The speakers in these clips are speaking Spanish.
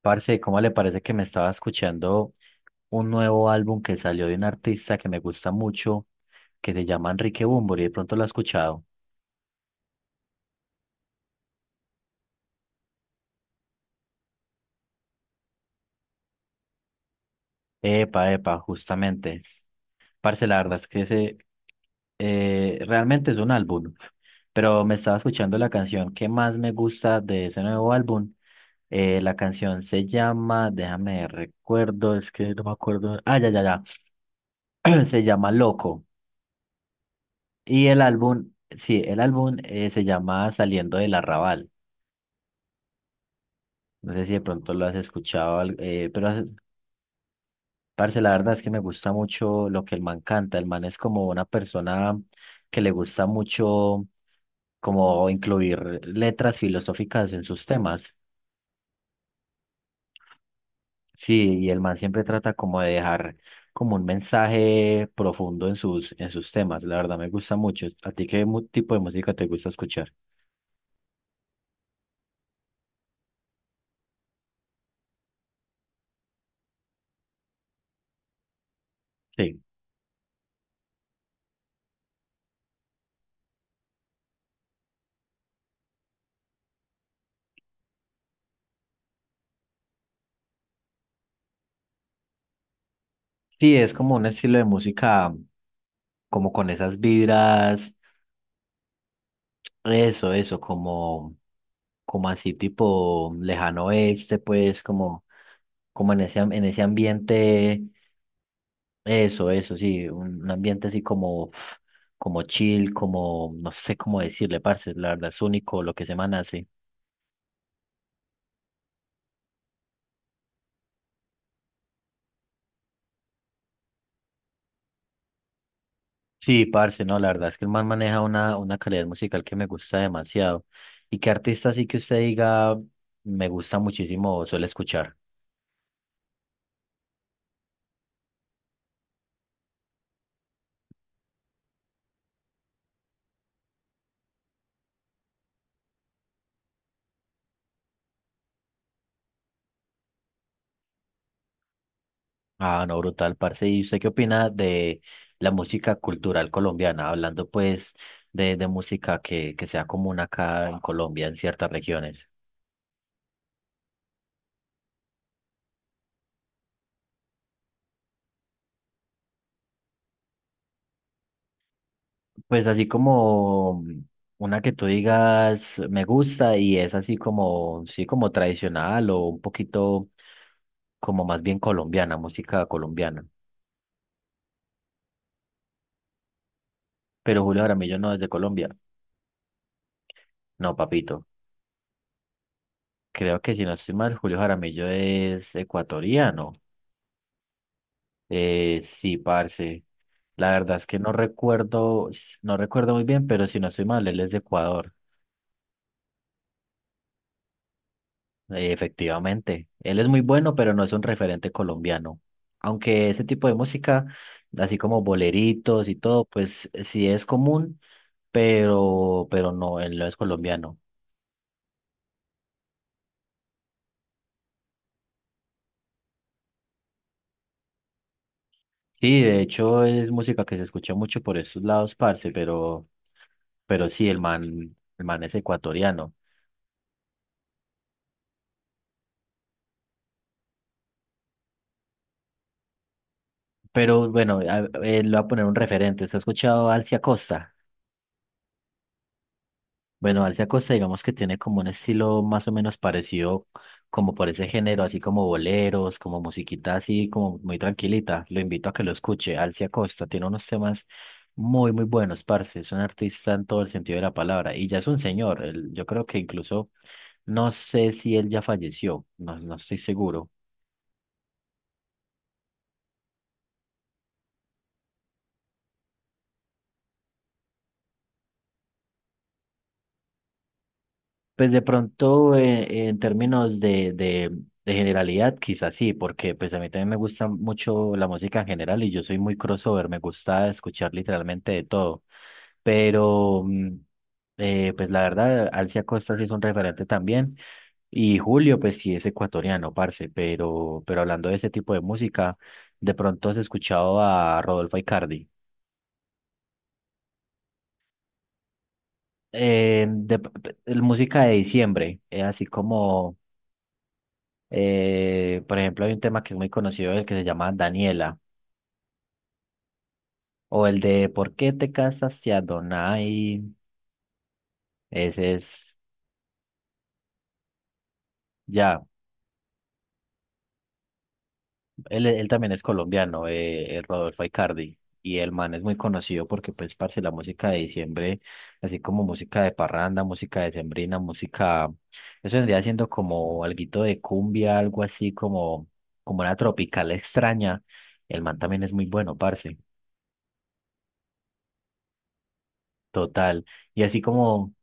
Parce, ¿cómo le parece? Que me estaba escuchando un nuevo álbum que salió de un artista que me gusta mucho, que se llama Enrique Bunbury. De pronto lo ha escuchado. Epa, epa, justamente. Parce, la verdad es que ese realmente es un álbum, pero me estaba escuchando la canción que más me gusta de ese nuevo álbum. La canción se llama, déjame recuerdo, es que no me acuerdo. Ah, ya, ya, ya. Se llama Loco. Y el álbum, sí, el álbum se llama Saliendo del Arrabal. No sé si de pronto lo has escuchado, pero parce, la verdad es que me gusta mucho lo que el man canta. El man es como una persona que le gusta mucho como incluir letras filosóficas en sus temas. Sí, y el man siempre trata como de dejar como un mensaje profundo en en sus temas. La verdad me gusta mucho. ¿A ti qué tipo de música te gusta escuchar? Sí. Sí, es como un estilo de música como con esas vibras. Eso, como, como así tipo lejano oeste, pues como, como en ese, en ese ambiente, eso, sí, un ambiente así como, como chill, como, no sé cómo decirle, parce, la verdad es único lo que ese man hace. Sí, parce, no, la verdad es que el man maneja una calidad musical que me gusta demasiado. ¿Y qué artista así que usted diga me gusta muchísimo suele escuchar? Ah, no, brutal, parce. ¿Y usted qué opina de la música cultural colombiana? Hablando pues de música que sea común acá en Colombia, en ciertas regiones. Pues así como una que tú digas me gusta y es así como, sí, como tradicional o un poquito como más bien colombiana, música colombiana. Pero Julio Jaramillo no es de Colombia. No, papito. Creo que si no estoy mal, Julio Jaramillo es ecuatoriano. Sí, parce. La verdad es que no recuerdo, no recuerdo muy bien, pero si no estoy mal, él es de Ecuador. Efectivamente. Él es muy bueno, pero no es un referente colombiano. Aunque ese tipo de música, así como boleritos y todo, pues sí es común, pero no, él no es colombiano. Sí, de hecho es música que se escucha mucho por esos lados, parce, pero sí, el man es ecuatoriano. Pero bueno, le voy a poner un referente. ¿Usted ha escuchado a Alcia Costa? Bueno, Alcia Costa, digamos que tiene como un estilo más o menos parecido, como por ese género, así como boleros, como musiquita así, como muy tranquilita. Lo invito a que lo escuche. Alcia Costa tiene unos temas muy, muy buenos, parce. Es un artista en todo el sentido de la palabra. Y ya es un señor. Yo creo que incluso, no sé si él ya falleció, no, no estoy seguro. Pues de pronto, en términos de generalidad, quizás sí, porque pues a mí también me gusta mucho la música en general y yo soy muy crossover, me gusta escuchar literalmente de todo. Pero, mm, pues la verdad, Alcia Costa sí es un referente también. Y Julio, pues sí es ecuatoriano, parce, pero hablando de ese tipo de música, de pronto has escuchado a Rodolfo Aicardi. El música de diciembre, así como... Por ejemplo, hay un tema que es muy conocido, el que se llama Daniela, o el de ¿por qué te casaste a... Ese es, ya, él también es colombiano, Rodolfo Aicardi, y el man es muy conocido porque, pues, parce, la música de diciembre, así como música de parranda, música de sembrina música, eso vendría siendo como alguito de cumbia, algo así como, como una tropical extraña. El man también es muy bueno, parce. Total. Y así como,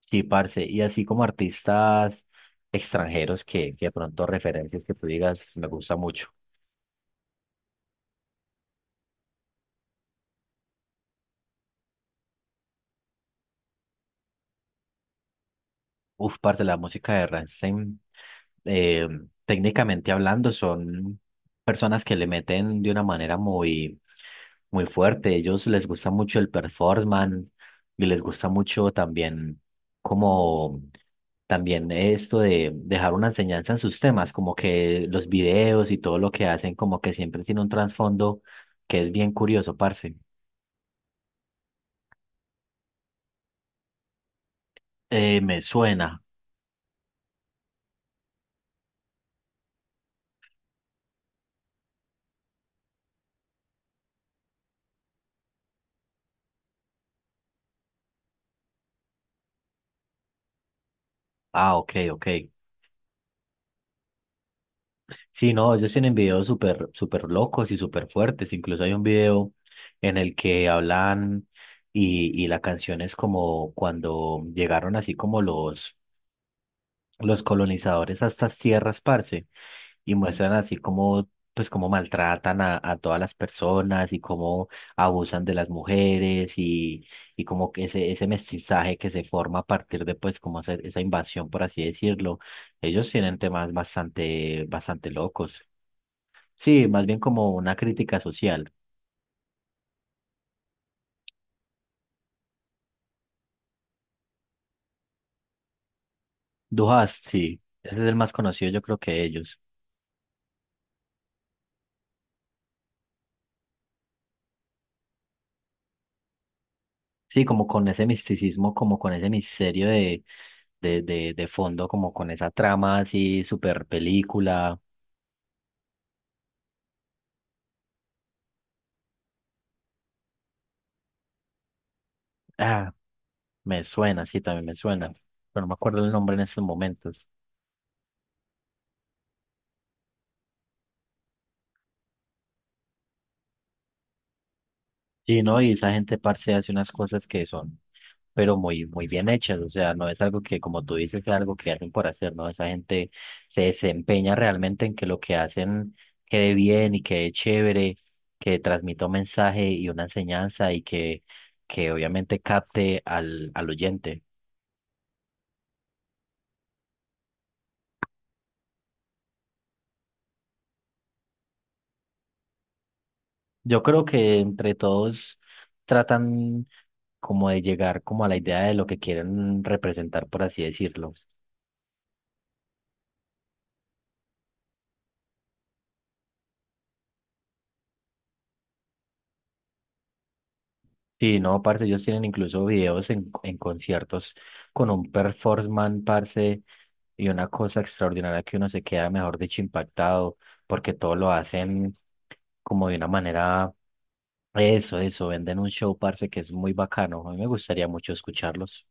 sí, parce, y así como artistas extranjeros que de pronto referencias que tú digas, me gusta mucho. Uf, parce, la música de Rammstein, eh, técnicamente hablando, son personas que le meten de una manera muy fuerte. Ellos les gusta mucho el performance y les gusta mucho también como también esto de dejar una enseñanza en sus temas, como que los videos y todo lo que hacen, como que siempre tiene un trasfondo que es bien curioso, parce. Me suena. Ah, ok, ok. Sí, no, ellos tienen videos súper, súper locos y súper fuertes. Incluso hay un video en el que hablan y la canción es como cuando llegaron así como los colonizadores a estas tierras, parce, y muestran así como, pues, cómo maltratan a todas las personas y cómo abusan de las mujeres y como que ese mestizaje que se forma a partir de, pues, como hacer esa invasión, por así decirlo. Ellos tienen temas bastante, bastante locos. Sí, más bien como una crítica social. Duhast, sí, ese es el más conocido, yo creo que ellos. Sí, como con ese misticismo, como con ese misterio de fondo, como con esa trama así, super película. Ah, me suena, sí, también me suena, pero no me acuerdo el nombre en estos momentos. Sí, ¿no? Y esa gente parce hace unas cosas que son, pero muy, muy bien hechas, o sea, no es algo que, como tú dices, es algo que hacen por hacer, ¿no? Esa gente se desempeña realmente en que lo que hacen quede bien y quede chévere, que transmita un mensaje y una enseñanza y que obviamente capte al oyente. Yo creo que entre todos tratan como de llegar como a la idea de lo que quieren representar, por así decirlo. Sí, no, parce, ellos tienen incluso videos en conciertos con un performance, parce, y una cosa extraordinaria que uno se queda mejor dicho impactado, porque todo lo hacen como de una manera, eso, venden un show, parce, que es muy bacano. A mí me gustaría mucho escucharlos.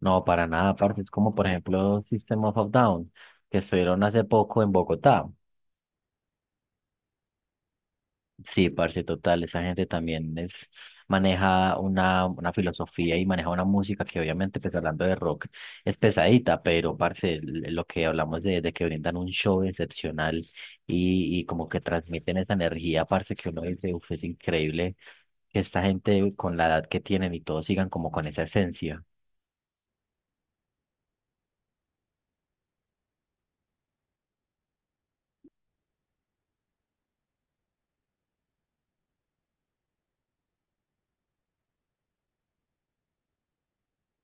No, para nada, parce. Es como, por ejemplo, System of a Down, que estuvieron hace poco en Bogotá. Sí, parce, total. Esa gente también es, maneja una filosofía y maneja una música que, obviamente, pues hablando de rock, es pesadita, pero, parce, lo que hablamos de que brindan un show excepcional y como que transmiten esa energía, parce, que uno dice, uff, es increíble que esta gente con la edad que tienen y todos sigan como con esa esencia.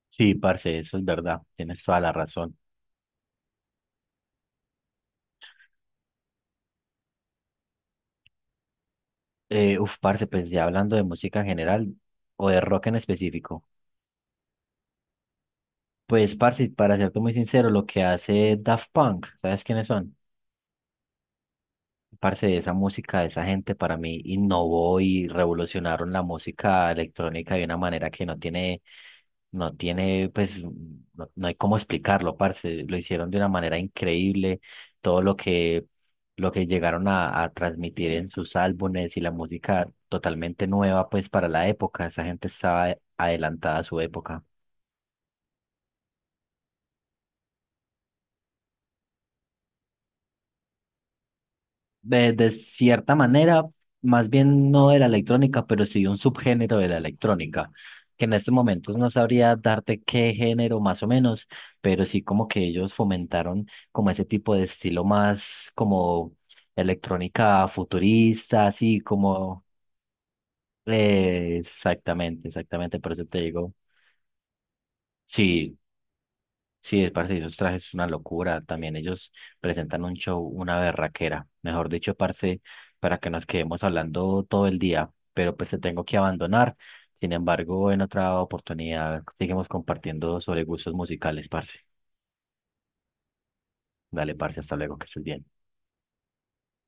Sí, parce, eso es verdad. Tienes toda la razón. Uf, parce, pues ya hablando de música en general o de rock en específico. Pues, parce, para serte muy sincero, lo que hace Daft Punk, ¿sabes quiénes son? Parce, esa música de esa gente para mí innovó y revolucionaron la música electrónica de una manera que no tiene. No tiene, pues, no, no hay cómo explicarlo, parce. Lo hicieron de una manera increíble. Todo lo que llegaron a transmitir en sus álbumes y la música totalmente nueva, pues, para la época. Esa gente estaba adelantada a su época. De cierta manera, más bien no de la electrónica, pero sí de un subgénero de la electrónica, que en estos momentos no sabría darte qué género más o menos, pero sí como que ellos fomentaron como ese tipo de estilo más como electrónica futurista, así como... exactamente, exactamente, por eso te digo. Sí, sí, es parce, esos trajes es una locura. También ellos presentan un show, una berraquera. Mejor dicho, parce, para que nos quedemos hablando todo el día. Pero pues te tengo que abandonar. Sin embargo, en otra oportunidad seguimos compartiendo sobre gustos musicales, parce. Dale, parce, hasta luego, que estés bien.